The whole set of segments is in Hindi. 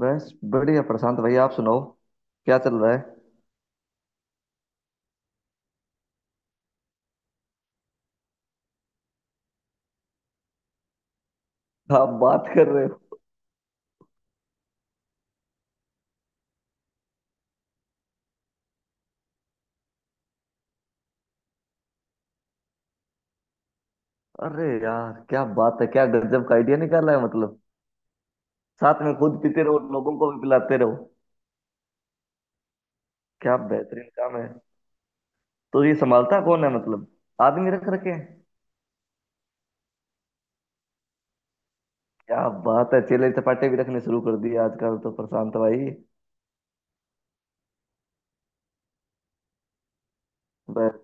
बस बढ़िया प्रशांत भाई। आप सुनाओ, क्या चल रहा है। आप बात कर रहे हो? अरे यार, क्या बात है! क्या गजब का आइडिया निकाला है मतलब। साथ में खुद पीते रहो, लोगों को भी पिलाते रहो। क्या बेहतरीन काम है। तो ये संभालता कौन है मतलब? आदमी रख रखे हैं? क्या बात है, चेले चपाटे भी रखने शुरू कर दिए आजकल तो प्रशांत भाई। बस।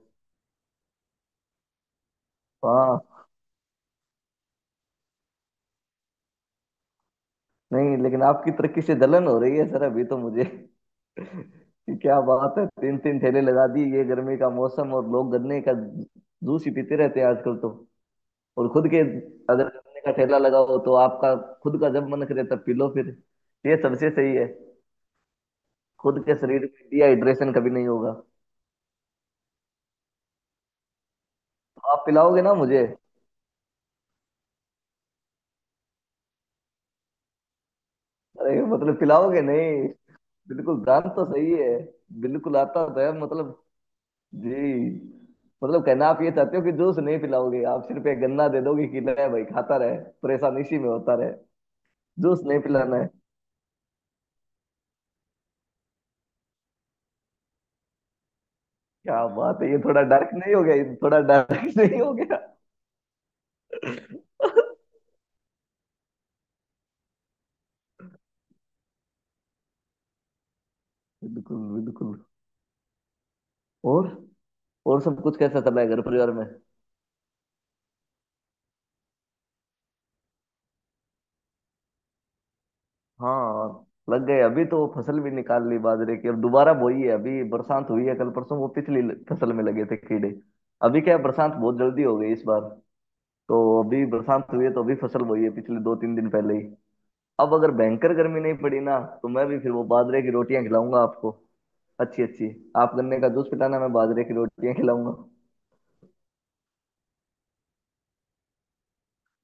हाँ। नहीं, लेकिन आपकी तरक्की से जलन हो रही है सर अभी तो मुझे। क्या बात है, तीन तीन ठेले लगा दिए, ये गर्मी का मौसम और लोग गन्ने का जूस ही पीते रहते हैं आजकल तो। और खुद के, अगर गन्ने का ठेला लगाओ तो आपका खुद का जब मन करे तब पी लो फिर। ये सबसे सही है। खुद के शरीर में डिहाइड्रेशन कभी नहीं होगा तो। आप पिलाओगे ना मुझे? अरे मतलब पिलाओगे नहीं? बिल्कुल जान तो सही है। बिल्कुल आता तो है मतलब। जी। मतलब कहना आप ये चाहते हो कि जूस नहीं पिलाओगे, आप सिर्फ एक गन्ना दे दोगे कि ले भाई खाता रहे, परेशान इसी में होता। जूस नहीं पिलाना है। क्या बात है, ये थोड़ा डार्क नहीं हो गया? ये थोड़ा डार्क नहीं हो गया? बिल्कुल बिल्कुल। और और सब कुछ कैसा चला है घर परिवार में? हाँ, लग गए। अभी तो फसल भी निकाल ली बाजरे की, अब दोबारा बोई है। अभी बरसात हुई है कल परसों। वो पिछली फसल में लगे थे कीड़े। अभी क्या है, बरसात बहुत जल्दी हो गई इस बार, तो अभी बरसात हुई है तो अभी फसल बोई है पिछले दो तीन दिन पहले ही। अब अगर भयंकर गर्मी नहीं पड़ी ना तो मैं भी फिर वो बाजरे की रोटियां खिलाऊंगा आपको। अच्छी अच्छी। आप गन्ने का जूस पिलाना, मैं बाजरे की रोटियां खिलाऊंगा।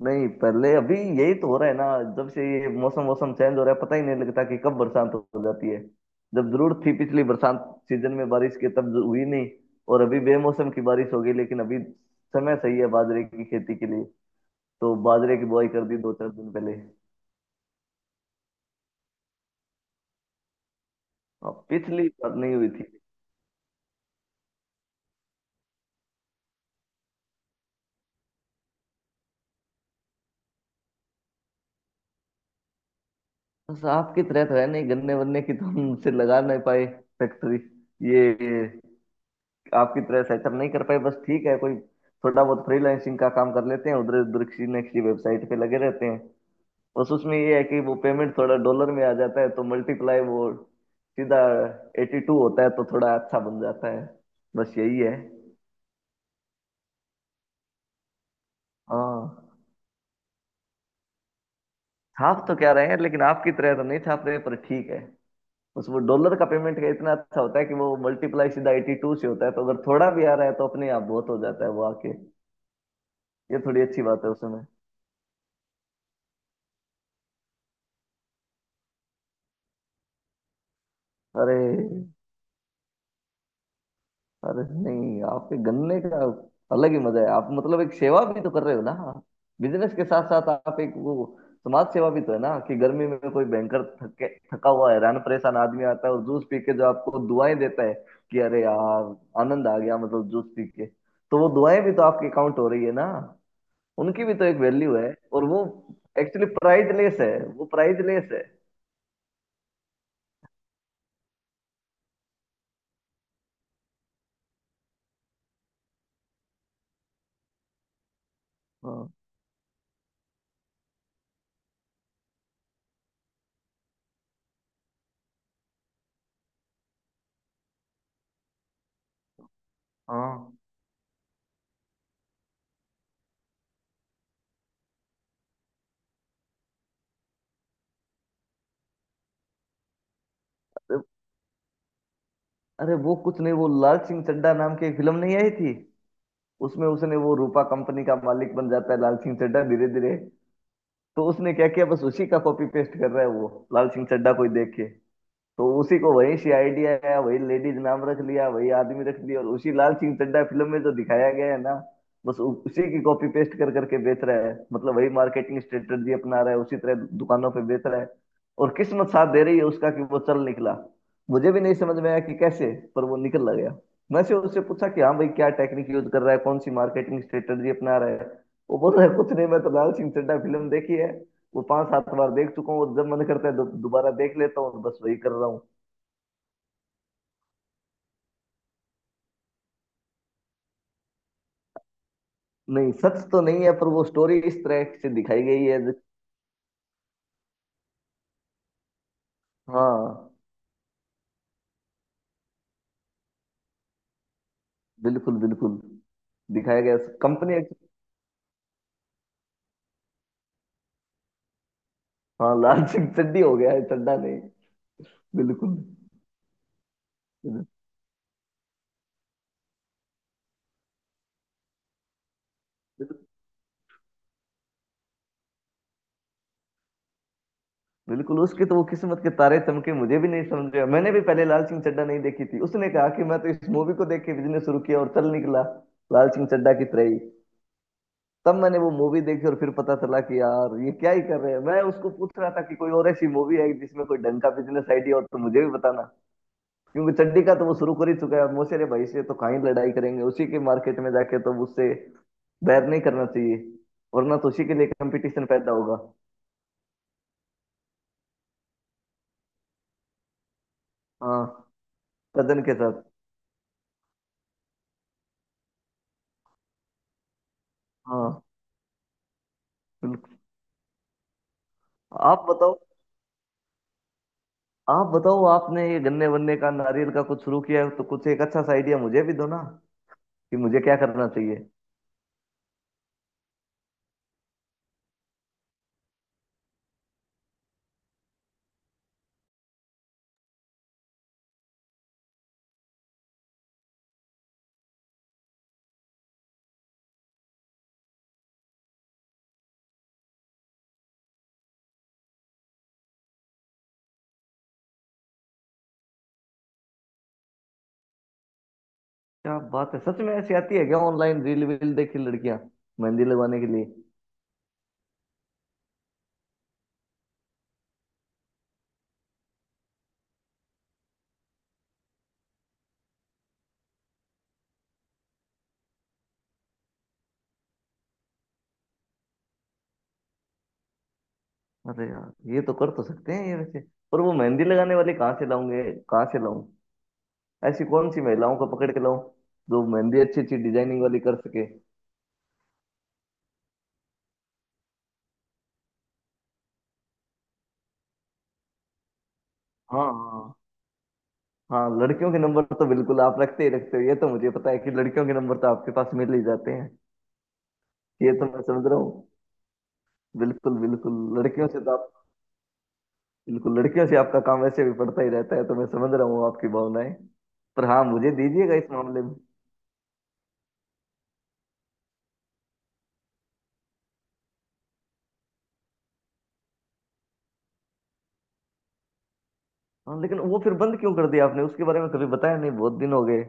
नहीं पहले अभी यही तो हो रहा है ना। जब से ये मौसम मौसम चेंज हो रहा है पता ही नहीं लगता कि कब बरसात हो जाती है। जब जरूरत थी पिछली बरसात सीजन में बारिश की, तब हुई नहीं, और अभी बेमौसम की बारिश हो गई, लेकिन अभी समय सही है बाजरे की खेती के लिए। तो बाजरे की बुआई कर दी दो चार दिन पहले। अब पिछली बार नहीं हुई थी। बस आपकी तरह तो है नहीं, गन्ने वन्ने की तो हम से लगा नहीं पाए फैक्ट्री। ये आपकी तरह सेटअप नहीं कर पाए, बस ठीक है कोई। थोड़ा बहुत फ्रीलांसिंग का काम कर लेते हैं, उधर उधर किसी न किसी वेबसाइट पे लगे रहते हैं। बस उसमें ये है कि वो पेमेंट थोड़ा डॉलर में आ जाता है तो मल्टीप्लाई वो सीधा एटी टू होता है तो थोड़ा अच्छा बन जाता है। बस यही है। हाँ, छाप तो क्या रहे हैं लेकिन आपकी तरह तो नहीं छाप रहे, पर ठीक है। बस वो डॉलर का पेमेंट का इतना अच्छा होता है कि वो मल्टीप्लाई सीधा एटी टू से होता है, तो अगर थोड़ा भी आ रहा है तो अपने आप बहुत हो जाता है वो आके। ये थोड़ी अच्छी बात है उसमें। अरे अरे नहीं, आपके गन्ने का अलग ही मजा है। आप मतलब एक सेवा भी तो कर रहे हो ना, बिजनेस के साथ साथ। आप एक वो समाज सेवा भी तो है ना, कि गर्मी में कोई भयंकर थके थका हुआ हैरान परेशान आदमी आता है और जूस पी के जो आपको दुआएं देता है कि अरे यार आनंद आ गया मतलब जूस पी के, तो वो दुआएं भी तो आपके काउंट हो रही है ना। उनकी भी तो एक वैल्यू है, और वो एक्चुअली प्राइजलेस है। वो प्राइजलेस है। हाँ हाँ। तो- अरे वो कुछ नहीं, वो लाल सिंह चड्ढा नाम की एक फिल्म नहीं आई थी? उसमें उसने वो रूपा कंपनी का मालिक बन जाता है लाल सिंह चड्ढा, धीरे धीरे। तो उसने क्या किया, बस उसी का कॉपी पेस्ट कर रहा है वो। लाल सिंह चड्ढा कोई देख के, तो उसी को वही सी आइडिया आया, वही लेडीज नाम रख लिया, वही आदमी रख लिया, और उसी लाल सिंह चड्ढा फिल्म में जो दिखाया गया है ना, बस उसी की कॉपी पेस्ट कर करके बेच रहा है। मतलब वही मार्केटिंग स्ट्रेटजी अपना रहा है, उसी तरह दुकानों पे बेच रहा है। और किस्मत साथ दे रही है उसका कि वो चल निकला। मुझे भी नहीं समझ में आया कि कैसे, पर वो निकल गया। मैं से उससे पूछा कि हाँ भाई क्या टेक्निक यूज कर रहा है, कौन सी मार्केटिंग स्ट्रेटजी अपना रहा है। वो बोल रहा है कुछ नहीं, मैं तो लाल सिंह चड्ढा फिल्म देखी है, वो पांच सात बार देख चुका हूँ और जब मन करता है दोबारा देख लेता हूँ, और बस वही कर रहा हूँ। नहीं सच तो नहीं है, पर वो स्टोरी इस तरह से दिखाई गई है। हाँ बिल्कुल बिल्कुल। दिखाया गया कंपनी। हाँ, लाल सिंह चड्ढी हो गया है, चड्ढा नहीं। बिल्कुल। बिल्कुल, उसके तो वो किस्मत के तारे चमके, मुझे भी नहीं समझ में आया। मैंने भी पहले लाल सिंह चड्ढा नहीं देखी थी, उसने कहा कि मैं तो इस मूवी को देख के बिजनेस शुरू किया और चल निकला लाल सिंह चड्ढा की तरह ही। तब मैंने वो मूवी देखी और फिर पता चला कि यार ये क्या ही कर रहे हैं। मैं उसको पूछ रहा था कि कोई और ऐसी मूवी है जिसमें कोई ढंग का बिजनेस आइडिया हो तो मुझे भी बताना, क्योंकि चड्डी का तो वो शुरू कर ही चुका है मोसेरे भाई से, तो कहीं लड़ाई करेंगे उसी के मार्केट में जाके, तो उससे बैर नहीं करना चाहिए, वरना तो उसी के लिए कंपटीशन पैदा होगा। हाँ, कजन के साथ। हाँ। बिल्कुल। आप बताओ। आप बताओ, आपने ये गन्ने वन्ने का नारियल का कुछ शुरू किया है तो कुछ एक अच्छा सा आइडिया मुझे भी दो ना, कि मुझे क्या करना चाहिए। क्या बात है, सच में ऐसी आती है क्या, ऑनलाइन रील वील देखी लड़कियां मेहंदी लगवाने के लिए? अरे यार, ये तो कर तो सकते हैं ये वैसे, पर वो मेहंदी लगाने वाले कहाँ से लाऊंगे कहाँ से लाऊं? ऐसी कौन सी महिलाओं को पकड़ के लाऊं जो मेहंदी अच्छी अच्छी डिजाइनिंग वाली कर सके? हाँ हाँ हाँ, लड़कियों के नंबर तो बिल्कुल आप रखते ही रखते हो, ये तो मुझे पता है कि लड़कियों के नंबर तो आपके पास मिल ही जाते हैं। ये तो मैं समझ रहा हूँ। बिल्कुल बिल्कुल, लड़कियों से तो आप। बिल्कुल, लड़कियों से आपका काम वैसे भी पड़ता ही रहता है, तो मैं समझ रहा हूँ आपकी भावनाएं। पर हाँ, मुझे दीजिएगा इस मामले में। हाँ, लेकिन वो फिर बंद क्यों कर दिया? आपने उसके बारे में कभी बताया नहीं, बहुत दिन हो गए।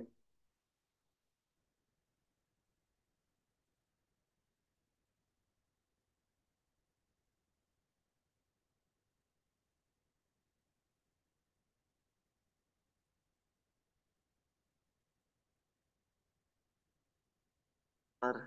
और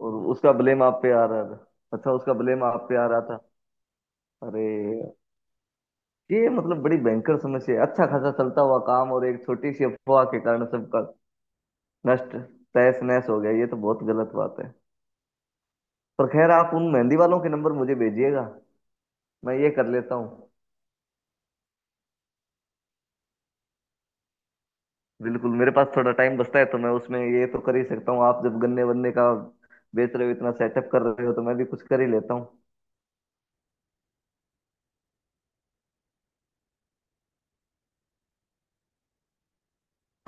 और उसका ब्लेम आप पे आ रहा था। अच्छा, उसका ब्लेम आप पे आ रहा था। अरे, ये मतलब बड़ी भयंकर समस्या है, अच्छा खासा चलता हुआ काम और एक छोटी सी अफवाह के कारण सबका नष्ट तहस नहस हो गया। ये तो बहुत गलत बात है। पर खैर, आप उन मेहंदी वालों के नंबर मुझे भेजिएगा, मैं ये कर लेता हूँ। बिल्कुल, मेरे पास थोड़ा टाइम बचता है तो मैं उसमें ये तो कर ही सकता हूँ। आप जब गन्ने वन्ने का बेच रहे हो, इतना सेटअप कर रहे हो, तो मैं भी कुछ कर ही लेता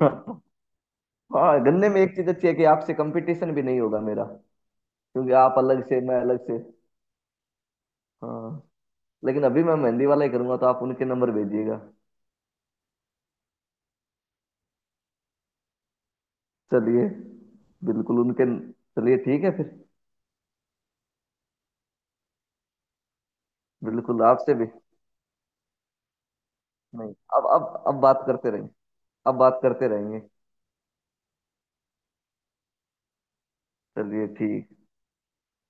हूँ। हाँ, गन्ने में एक चीज अच्छी है कि आपसे कंपटीशन भी नहीं होगा मेरा, क्योंकि आप अलग से मैं अलग से। हाँ, लेकिन अभी मैं मेहंदी वाला ही करूंगा, तो आप उनके नंबर भेजिएगा। चलिए, बिल्कुल उनके। चलिए ठीक है फिर। बिल्कुल आपसे भी। नहीं, अब बात करते रहेंगे। अब बात करते रहेंगे। चलिए ठीक।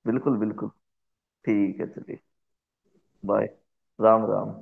बिल्कुल बिल्कुल। ठीक है चलिए। बाय। राम राम।